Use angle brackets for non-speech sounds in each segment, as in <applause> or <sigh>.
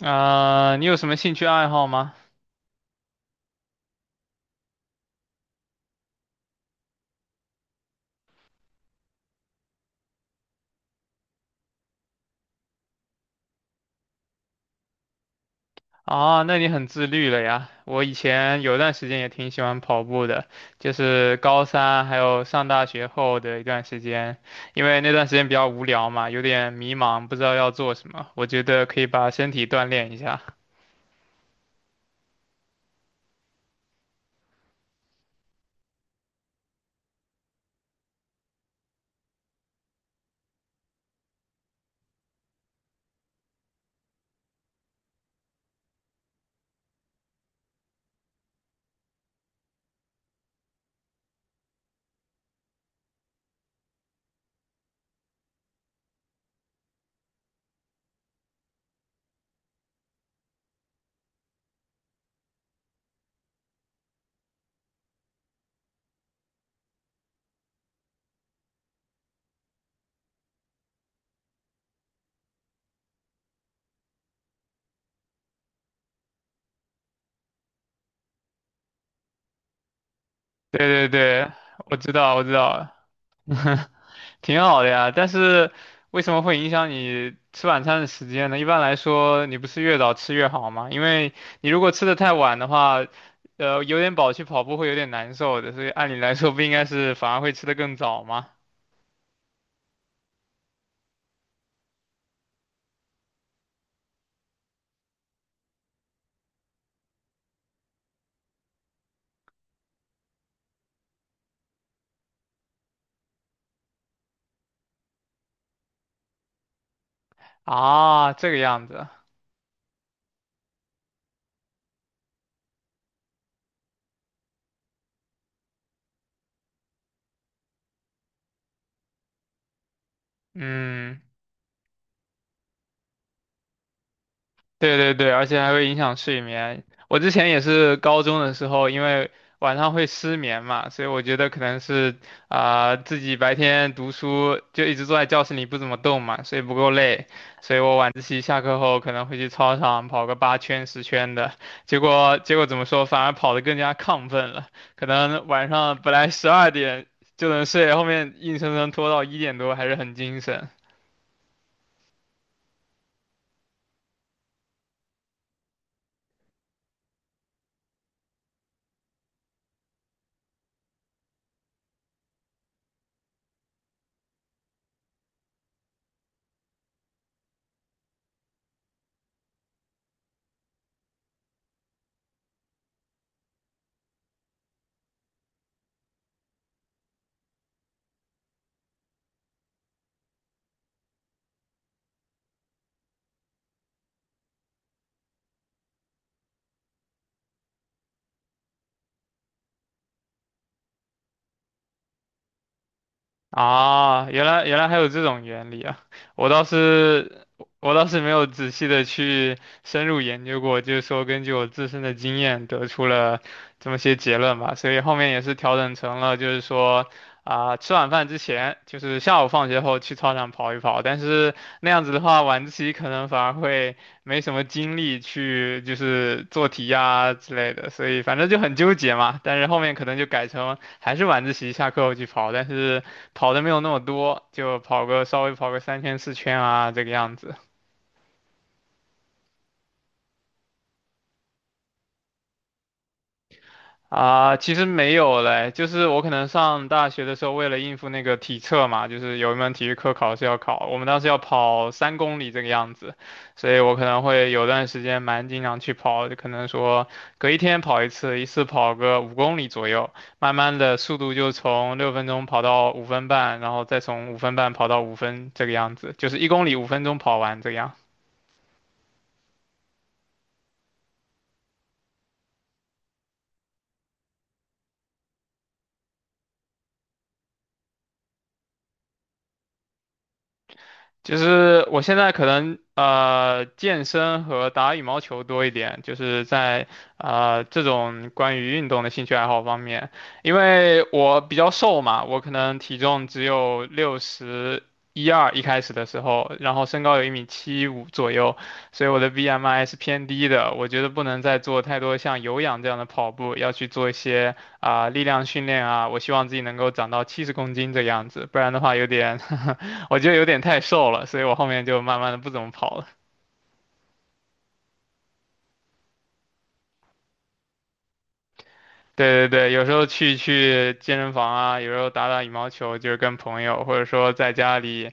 啊、你有什么兴趣爱好吗？啊，那你很自律了呀。我以前有段时间也挺喜欢跑步的，就是高三还有上大学后的一段时间，因为那段时间比较无聊嘛，有点迷茫，不知道要做什么。我觉得可以把身体锻炼一下。对对对，我知道，我知道。<laughs> 挺好的呀，但是为什么会影响你吃晚餐的时间呢？一般来说，你不是越早吃越好吗？因为你如果吃的太晚的话，有点饱去跑步会有点难受的，所以按理来说不应该是反而会吃的更早吗？啊，这个样子，嗯。对对对，而且还会影响睡眠。我之前也是高中的时候，因为晚上会失眠嘛，所以我觉得可能是自己白天读书就一直坐在教室里不怎么动嘛，所以不够累，所以我晚自习下课后可能会去操场跑个8圈10圈的，结果怎么说，反而跑得更加亢奋了，可能晚上本来12点就能睡，后面硬生生拖到1点多还是很精神。啊，原来还有这种原理啊！我倒是我倒是没有仔细的去深入研究过，就是说根据我自身的经验得出了这么些结论吧，所以后面也是调整成了就是说吃晚饭之前，就是下午放学后去操场跑一跑，但是那样子的话，晚自习可能反而会没什么精力去就是做题呀、之类的，所以反正就很纠结嘛。但是后面可能就改成还是晚自习下课后去跑，但是。跑的没有那么多，就跑个稍微跑个3圈4圈啊，这个样子啊。其实没有嘞，就是我可能上大学的时候，为了应付那个体测嘛，就是有一门体育课考试要考，我们当时要跑3公里这个样子，所以我可能会有段时间蛮经常去跑，就可能说隔一天跑一次，一次跑个5公里左右，慢慢的速度就从6分钟跑到五分半，然后再从五分半跑到五分这个样子，就是1公里5分钟跑完这个样。就是我现在可能健身和打羽毛球多一点，就是在这种关于运动的兴趣爱好方面，因为我比较瘦嘛，我可能体重只有六十一二一开始的时候，然后身高有1米75左右，所以我的 BMI 是偏低的。我觉得不能再做太多像有氧这样的跑步，要去做一些力量训练啊。我希望自己能够长到70公斤这个样子，不然的话有点 <laughs> 我觉得有点太瘦了，所以我后面就慢慢的不怎么跑了。对对对，有时候去健身房啊，有时候打打羽毛球，就是跟朋友，或者说在家里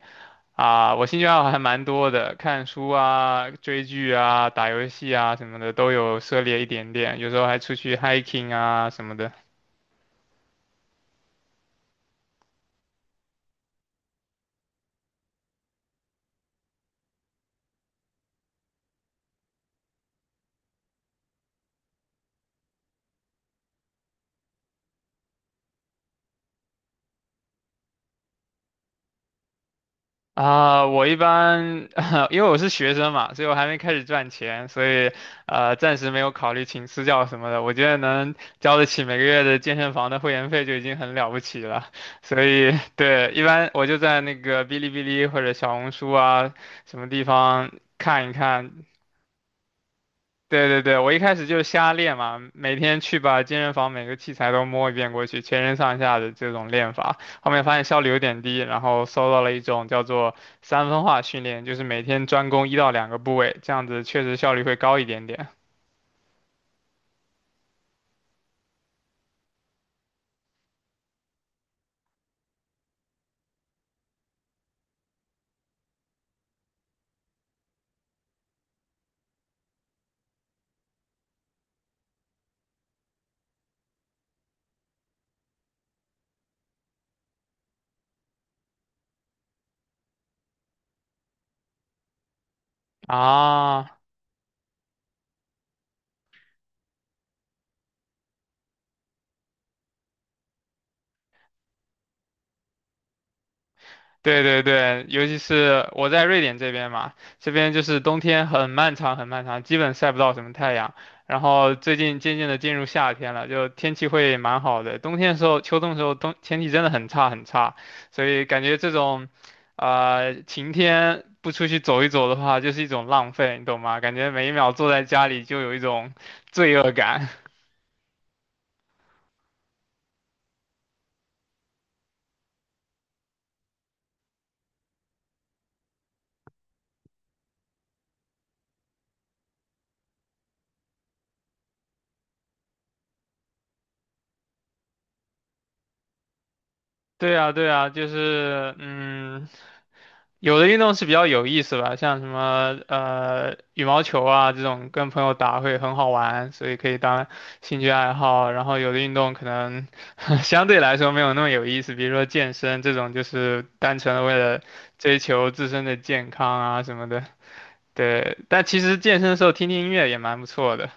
啊，我兴趣爱好还蛮多的，看书啊、追剧啊、打游戏啊什么的都有涉猎一点点，有时候还出去 hiking 啊什么的。我一般 <laughs> 因为我是学生嘛，所以我还没开始赚钱，所以暂时没有考虑请私教什么的。我觉得能交得起每个月的健身房的会员费就已经很了不起了。所以对，一般我就在那个哔哩哔哩或者小红书啊什么地方看一看，对对对，我一开始就是瞎练嘛，每天去把健身房每个器材都摸一遍过去，全身上下的这种练法。后面发现效率有点低，然后搜到了一种叫做三分化训练，就是每天专攻一到两个部位，这样子确实效率会高一点点。啊，对对对，尤其是我在瑞典这边嘛，这边就是冬天很漫长很漫长，基本晒不到什么太阳。然后最近渐渐的进入夏天了，就天气会蛮好的。冬天的时候、秋冬的时候，冬天气真的很差很差，所以感觉这种，啊晴天不出去走一走的话，就是一种浪费，你懂吗？感觉每一秒坐在家里就有一种罪恶感。<laughs> 对啊，对啊，就是嗯。有的运动是比较有意思吧，像什么羽毛球啊这种，跟朋友打会很好玩，所以可以当兴趣爱好。然后有的运动可能 <laughs> 相对来说没有那么有意思，比如说健身这种，就是单纯的为了追求自身的健康啊什么的。对，但其实健身的时候听听音乐也蛮不错的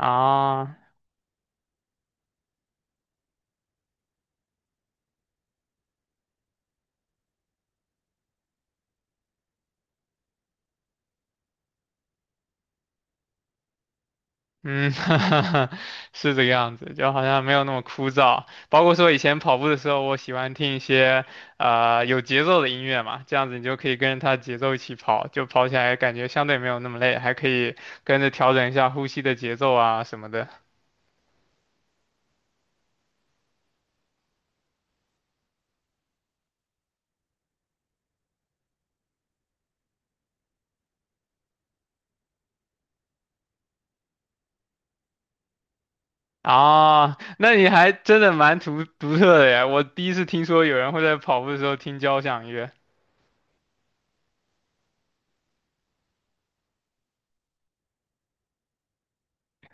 啊。嗯，<laughs> 哈哈哈，是这个样子，就好像没有那么枯燥。包括说以前跑步的时候，我喜欢听一些有节奏的音乐嘛，这样子你就可以跟着它节奏一起跑，就跑起来感觉相对没有那么累，还可以跟着调整一下呼吸的节奏啊什么的。啊，那你还真的蛮独特的呀！我第一次听说有人会在跑步的时候听交响乐。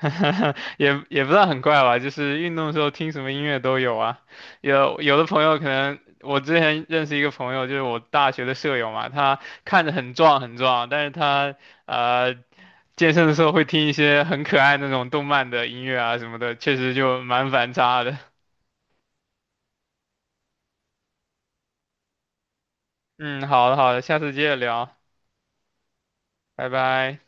<laughs> 也不算很怪吧，就是运动的时候听什么音乐都有啊。有的朋友可能，我之前认识一个朋友，就是我大学的舍友嘛，他看着很壮很壮，但是他呃健身的时候会听一些很可爱那种动漫的音乐啊什么的，确实就蛮反差的。嗯，好的好的，下次接着聊，拜拜。